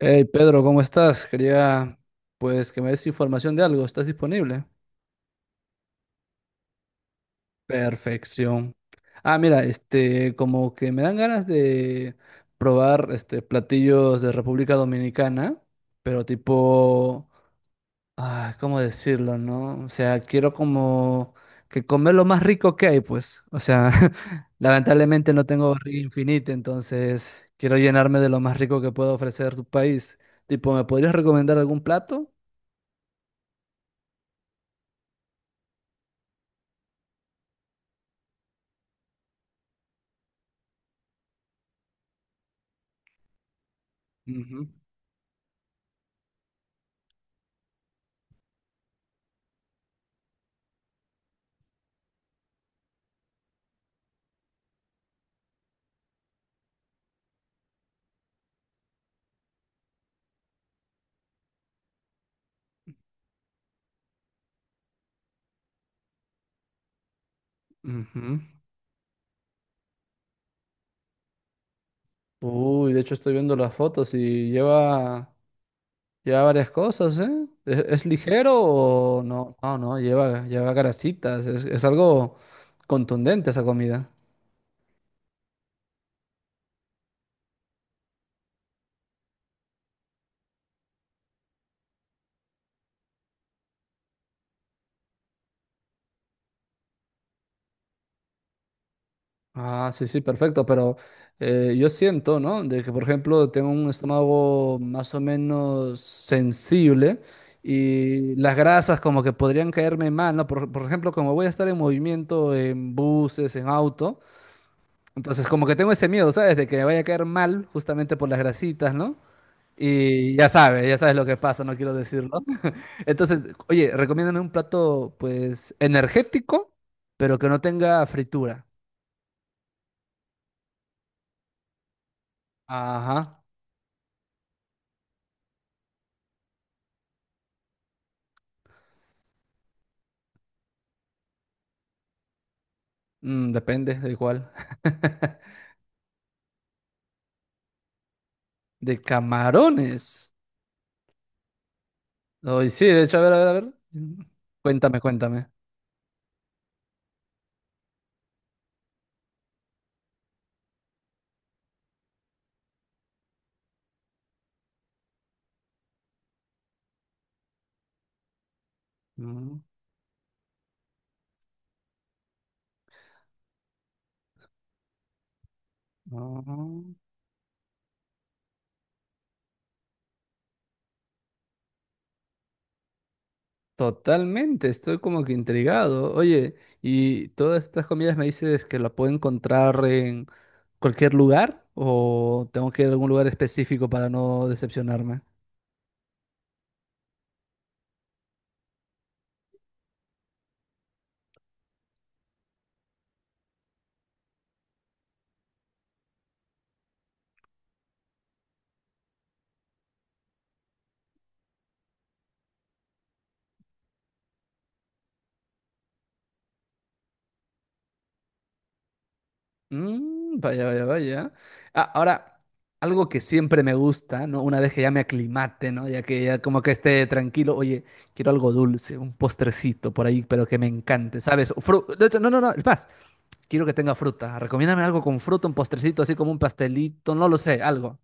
Hey Pedro, ¿cómo estás? Quería pues que me des información de algo. ¿Estás disponible? Perfección. Mira, este, como que me dan ganas de probar este platillos de República Dominicana, pero tipo, ¿cómo decirlo, no? O sea, quiero como que comer lo más rico que hay, pues. O sea, lamentablemente no tengo barriga infinita, entonces quiero llenarme de lo más rico que pueda ofrecer tu país. Tipo, ¿me podrías recomendar algún plato? Ujú. Ujú. Uy, de hecho estoy viendo las fotos y lleva varias cosas, ¿eh? ¿Es ligero o no? No, no, lleva grasitas, es algo contundente esa comida. Ah, sí, sí, perfecto, pero yo siento, ¿no? De que, por ejemplo, tengo un estómago más o menos sensible y las grasas como que podrían caerme mal, ¿no? Por ejemplo, como voy a estar en movimiento en buses, en auto. Entonces, como que tengo ese miedo, ¿sabes? De que me vaya a caer mal justamente por las grasitas, ¿no? Y ya sabes lo que pasa, no quiero decirlo. Entonces, oye, recomiéndame un plato, pues, energético, pero que no tenga fritura. Ajá. Mm, depende de cuál. De camarones. Ay, sí, de hecho, a ver, a ver, a ver. Cuéntame, cuéntame. Mm, no. Totalmente, estoy como que intrigado. Oye, ¿y todas estas comidas me dices que la puedo encontrar en cualquier lugar o tengo que ir a algún lugar específico para no decepcionarme? Mm, vaya, vaya, vaya. Ah, ahora, algo que siempre me gusta, ¿no? Una vez que ya me aclimate, ¿no? Ya que ya como que esté tranquilo, oye, quiero algo dulce, un postrecito por ahí, pero que me encante, ¿sabes? De hecho, no, no, no, es más, quiero que tenga fruta. Recomiéndame algo con fruta, un postrecito, así como un pastelito, no lo sé, algo.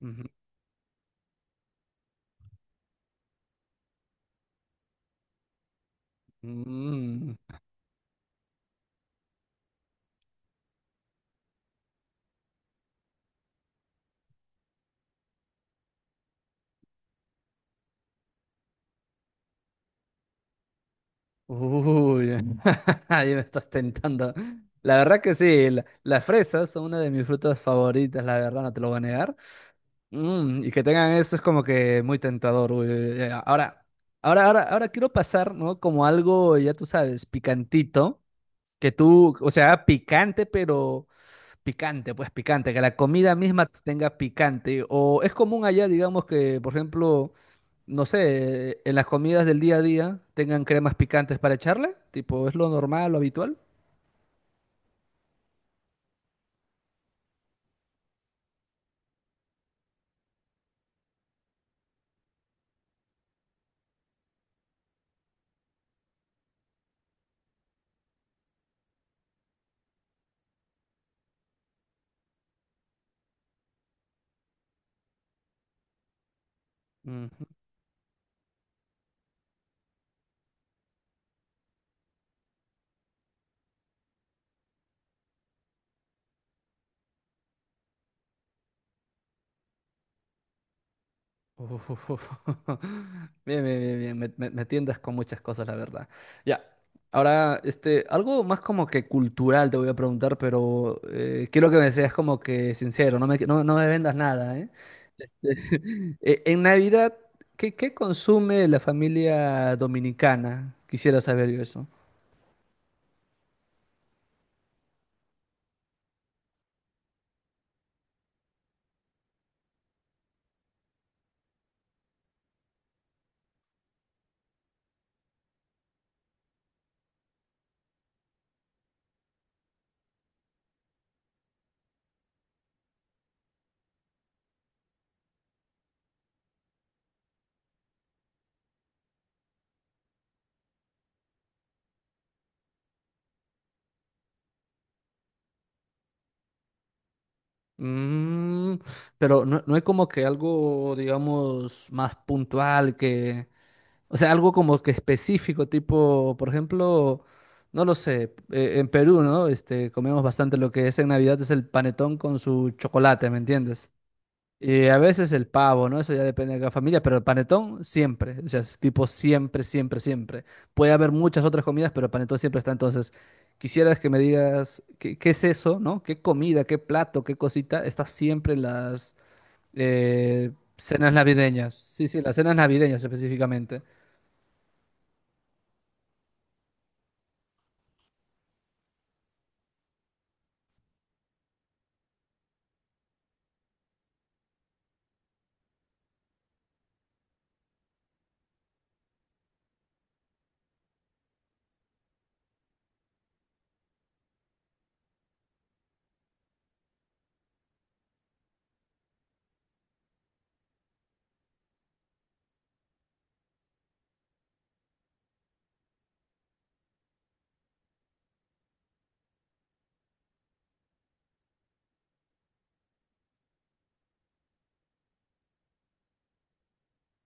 Ujú. Mm. Uy, ahí me estás tentando. La verdad que sí, las fresas son una de mis frutas favoritas, la verdad, no te lo voy a negar. Mm, y que tengan eso es como que muy tentador. Uy, uy, uy. Ahora, ahora quiero pasar, ¿no? Como algo, ya tú sabes, picantito, que tú, o sea, picante, pero picante, pues picante, que la comida misma tenga picante. O es común allá, digamos que, por ejemplo, no sé, en las comidas del día a día tengan cremas picantes para echarle, tipo, ¿es lo normal, lo habitual? Mm. Uf, uf, uf. Bien, bien, bien, bien. Me tientas con muchas cosas, la verdad. Ya. Ahora, este, algo más como que cultural te voy a preguntar, pero quiero que me seas como que sincero, no me, no, no me vendas nada, ¿eh? Este, en Navidad, ¿qué, qué consume la familia dominicana? Quisiera saber yo eso. Mm, pero no, no hay como que algo, digamos, más puntual que... O sea, algo como que específico, tipo, por ejemplo, no lo sé, en Perú, ¿no? Este, comemos bastante lo que es en Navidad, es el panetón con su chocolate, ¿me entiendes? Y a veces el pavo, ¿no? Eso ya depende de cada familia, pero el panetón siempre, o sea, es tipo siempre, siempre, siempre. Puede haber muchas otras comidas, pero el panetón siempre está. Entonces, quisieras que me digas qué, qué es eso, ¿no? ¿Qué comida, qué plato, qué cosita está siempre en las eh, cenas navideñas? Sí, sí, las cenas navideñas específicamente.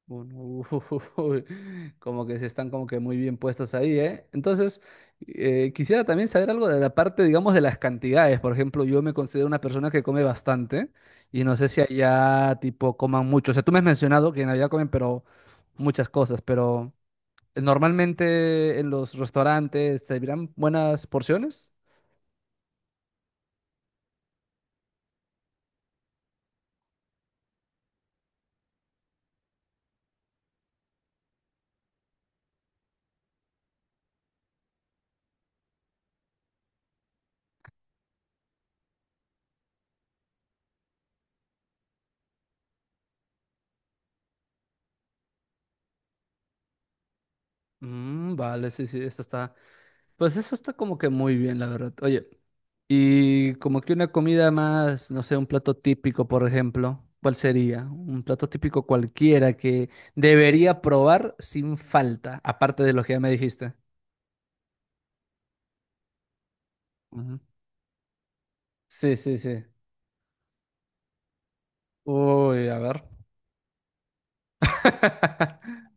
Uno, uy, como que se están como que muy bien puestos ahí, ¿eh? Entonces, quisiera también saber algo de la parte, digamos, de las cantidades. Por ejemplo, yo me considero una persona que come bastante y no sé si allá, tipo, coman mucho. O sea, tú me has mencionado que en Navidad comen, pero muchas cosas, pero normalmente en los restaurantes se servirán buenas porciones. Mm, vale, sí, sí, esto está. Pues eso está como que muy bien, la verdad. Oye. Y como que una comida más, no sé, un plato típico, por ejemplo, ¿cuál sería? Un plato típico cualquiera que debería probar sin falta, aparte de lo que ya me dijiste. Ujú. Sí, sí, sí. Uy, a ver.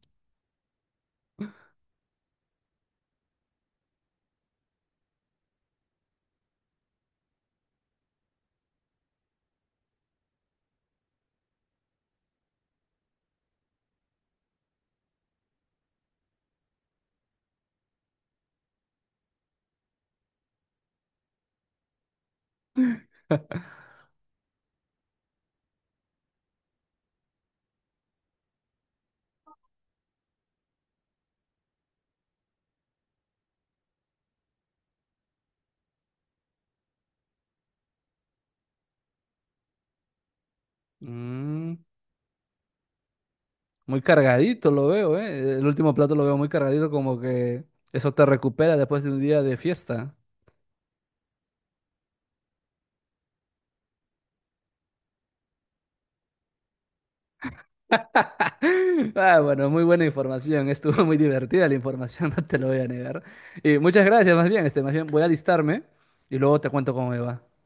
Mm, muy cargadito lo veo, ¿eh? El último plato lo veo muy cargadito, como que eso te recupera después de un día de fiesta. Ah, bueno, muy buena información. Estuvo muy divertida la información, no te lo voy a negar. Y muchas gracias, más bien, este, más bien voy a alistarme y luego te cuento cómo me va.